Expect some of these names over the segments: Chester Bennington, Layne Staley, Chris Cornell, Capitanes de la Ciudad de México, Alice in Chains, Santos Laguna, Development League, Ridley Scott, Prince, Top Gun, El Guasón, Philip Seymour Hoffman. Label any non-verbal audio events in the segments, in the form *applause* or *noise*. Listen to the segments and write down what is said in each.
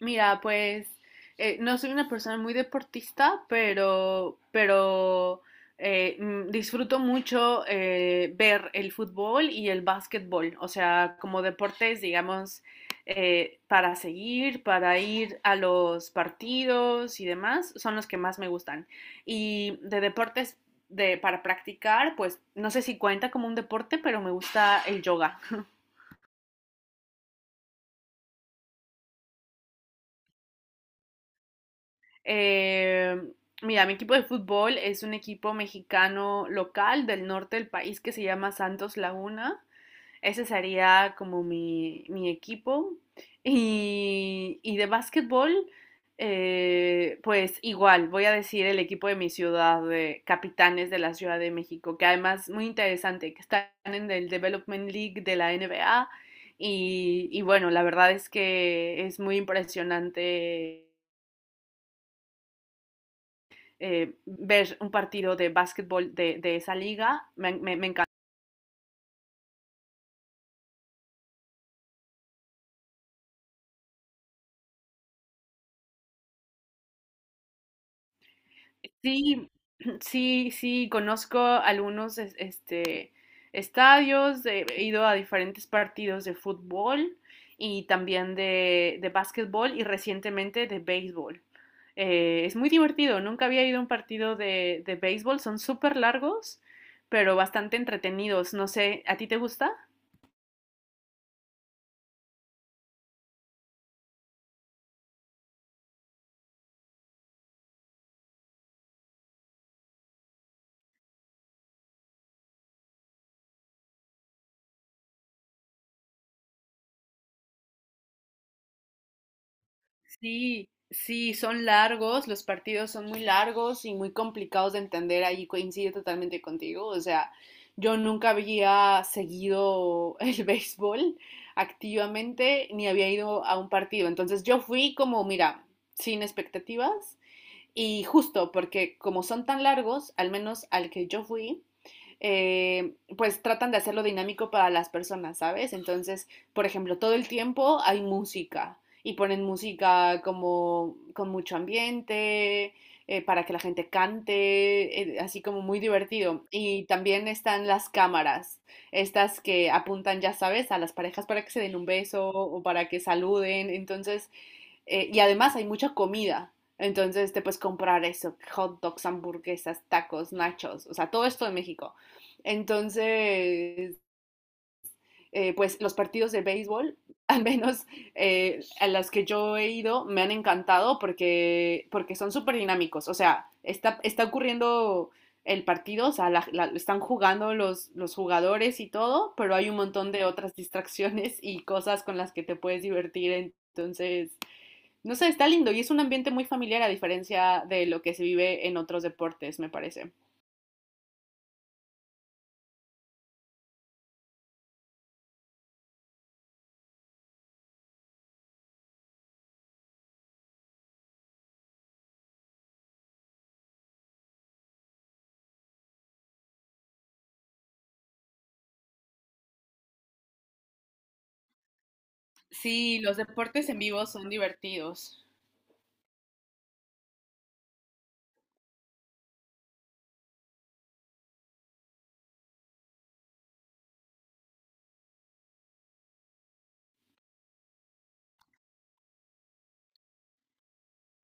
Mira, pues no soy una persona muy deportista, pero disfruto mucho ver el fútbol y el básquetbol, o sea, como deportes, digamos, para seguir, para ir a los partidos y demás, son los que más me gustan. Y de deportes de, para practicar, pues no sé si cuenta como un deporte, pero me gusta el yoga. Eh, mira, mi equipo de fútbol es un equipo mexicano local del norte del país que se llama Santos Laguna. Ese sería como mi equipo. Y de básquetbol, pues igual, voy a decir el equipo de mi ciudad, de Capitanes de la Ciudad de México, que además muy interesante, que están en el Development League de la NBA. Y bueno, la verdad es que es muy impresionante ver un partido de básquetbol de esa liga. Me encanta. Sí, sí, sí, conozco algunos estadios, he ido a diferentes partidos de fútbol y también de básquetbol y recientemente de béisbol. Es muy divertido, nunca había ido a un partido de béisbol, son súper largos, pero bastante entretenidos. No sé, ¿a ti te gusta? Sí, sí, son largos, los partidos son muy largos y muy complicados de entender, ahí coincido totalmente contigo, o sea, yo nunca había seguido el *laughs* béisbol activamente ni había ido a un partido, entonces yo fui como, mira, sin expectativas. Y justo porque como son tan largos, al menos al que yo fui, pues tratan de hacerlo dinámico para las personas, ¿sabes? Entonces, por ejemplo, todo el tiempo hay música y ponen música como con mucho ambiente, para que la gente cante, así como muy divertido. Y también están las cámaras, estas que apuntan, ya sabes, a las parejas para que se den un beso o para que saluden. Entonces, y además hay mucha comida. Entonces te puedes comprar eso, hot dogs, hamburguesas, tacos, nachos, o sea, todo esto en México. Entonces, pues los partidos de béisbol, *laughs* al menos a las que yo he ido, me han encantado porque son súper dinámicos. O sea, está ocurriendo el partido, o sea, están jugando los jugadores y todo, pero hay un montón de otras *laughs* distracciones y cosas con las que te puedes divertir. Entonces, no sé, está lindo y es un ambiente muy familiar a diferencia de lo que se vive en otros deportes, me parece. Sí, los deportes en vivo son divertidos.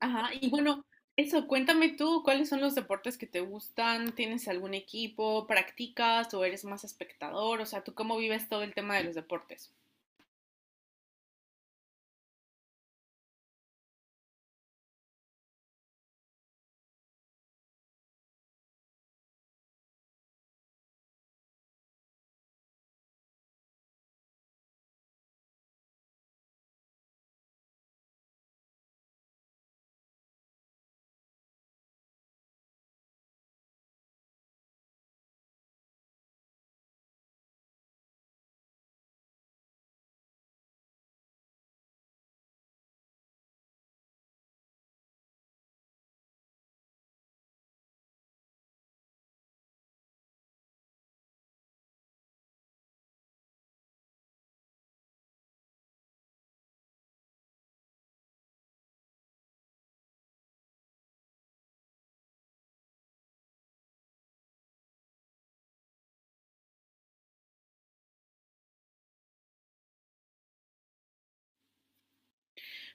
Ajá, y bueno, eso, cuéntame tú, ¿cuáles son los deportes que te gustan? ¿Tienes algún equipo? ¿Practicas o eres más espectador? O sea, ¿tú cómo vives todo el tema de los deportes?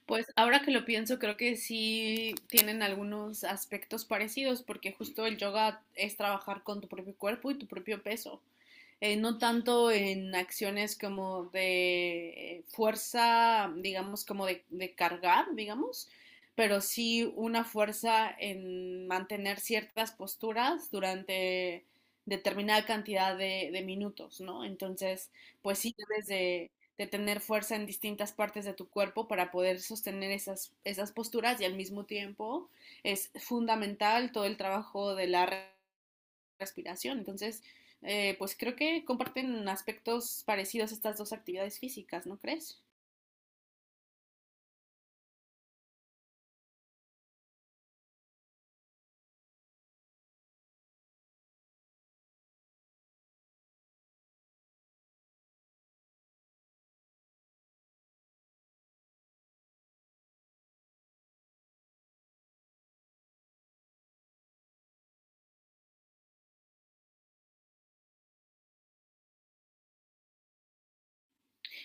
Pues ahora que lo pienso, creo que sí tienen algunos aspectos parecidos, porque justo el yoga es trabajar con tu propio cuerpo y tu propio peso. No tanto en acciones como de fuerza, digamos, como de cargar, digamos, pero sí una fuerza en mantener ciertas posturas durante determinada cantidad de minutos, ¿no? Entonces, pues sí debes de tener fuerza en distintas partes de tu cuerpo para poder sostener esas posturas y al mismo tiempo es fundamental todo el trabajo de la respiración. Entonces, pues creo que comparten aspectos parecidos estas dos actividades físicas, ¿no crees?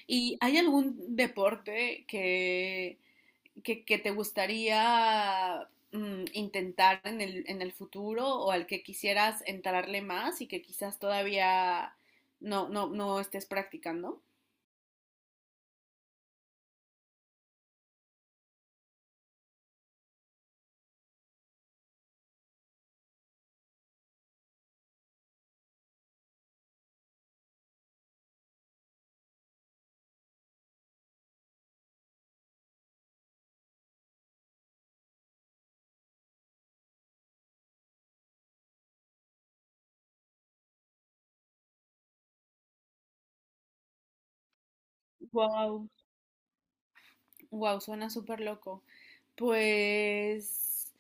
¿Y hay algún deporte que te gustaría intentar en en el futuro o al que quisieras entrarle más y que quizás todavía no estés practicando? Wow. Wow, suena súper loco. Pues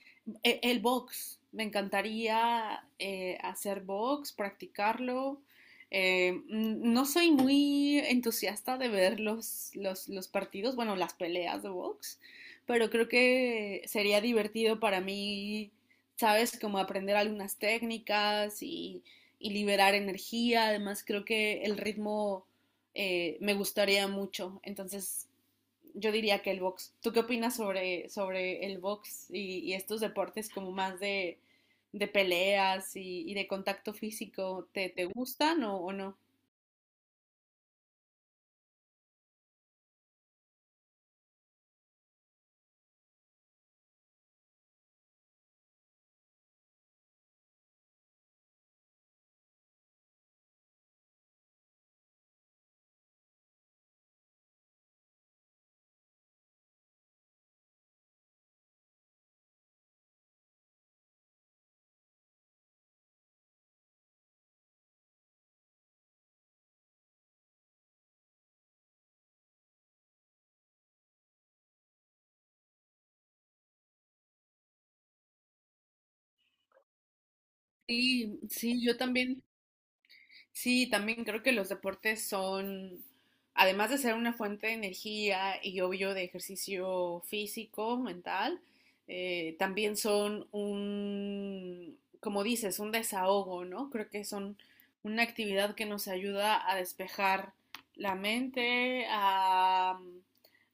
el box, me encantaría hacer box, practicarlo. No soy muy entusiasta de ver los partidos, bueno, las peleas de box, pero creo que sería divertido para mí, ¿sabes? Como aprender algunas técnicas y liberar energía. Además, creo que el ritmo me gustaría mucho. Entonces, yo diría que el box. ¿Tú qué opinas sobre, sobre el box y estos deportes como más de peleas y, de contacto físico? ¿Te, te gustan o no? Sí, sí, yo también. Sí, también creo que los deportes son, además de ser una fuente de energía y obvio de ejercicio físico, mental, también son un, como dices, un desahogo, ¿no? Creo que son una actividad que nos ayuda a despejar la mente, a,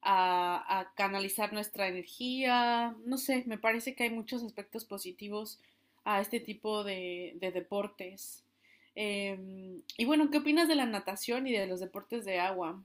a, a canalizar nuestra energía, no sé, me parece que hay muchos aspectos positivos a este tipo de deportes. Y bueno, ¿qué opinas de la natación y de los deportes de agua?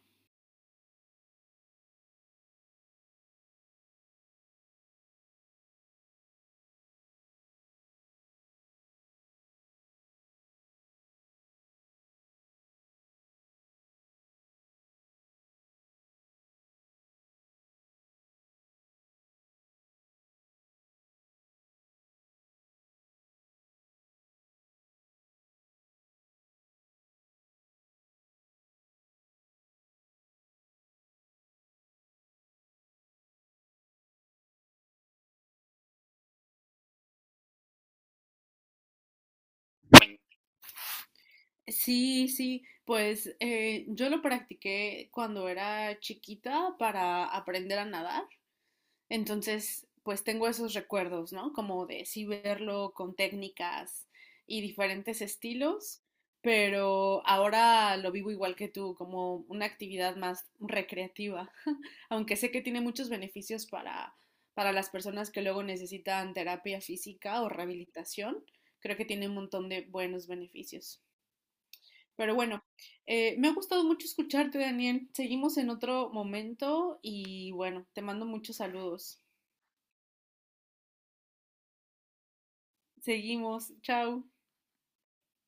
Sí, sí, pues yo lo practiqué cuando era chiquita para aprender a nadar. Entonces, pues tengo esos recuerdos, ¿no? Como de sí verlo con técnicas y diferentes estilos, pero ahora lo vivo igual que tú, como una actividad más recreativa, *laughs* aunque sé que tiene muchos beneficios para las personas que luego necesitan terapia física o rehabilitación, creo que tiene un montón de buenos beneficios. Pero bueno, me ha gustado mucho escucharte, Daniel. Seguimos en otro momento y bueno, te mando muchos saludos. Seguimos. Chao.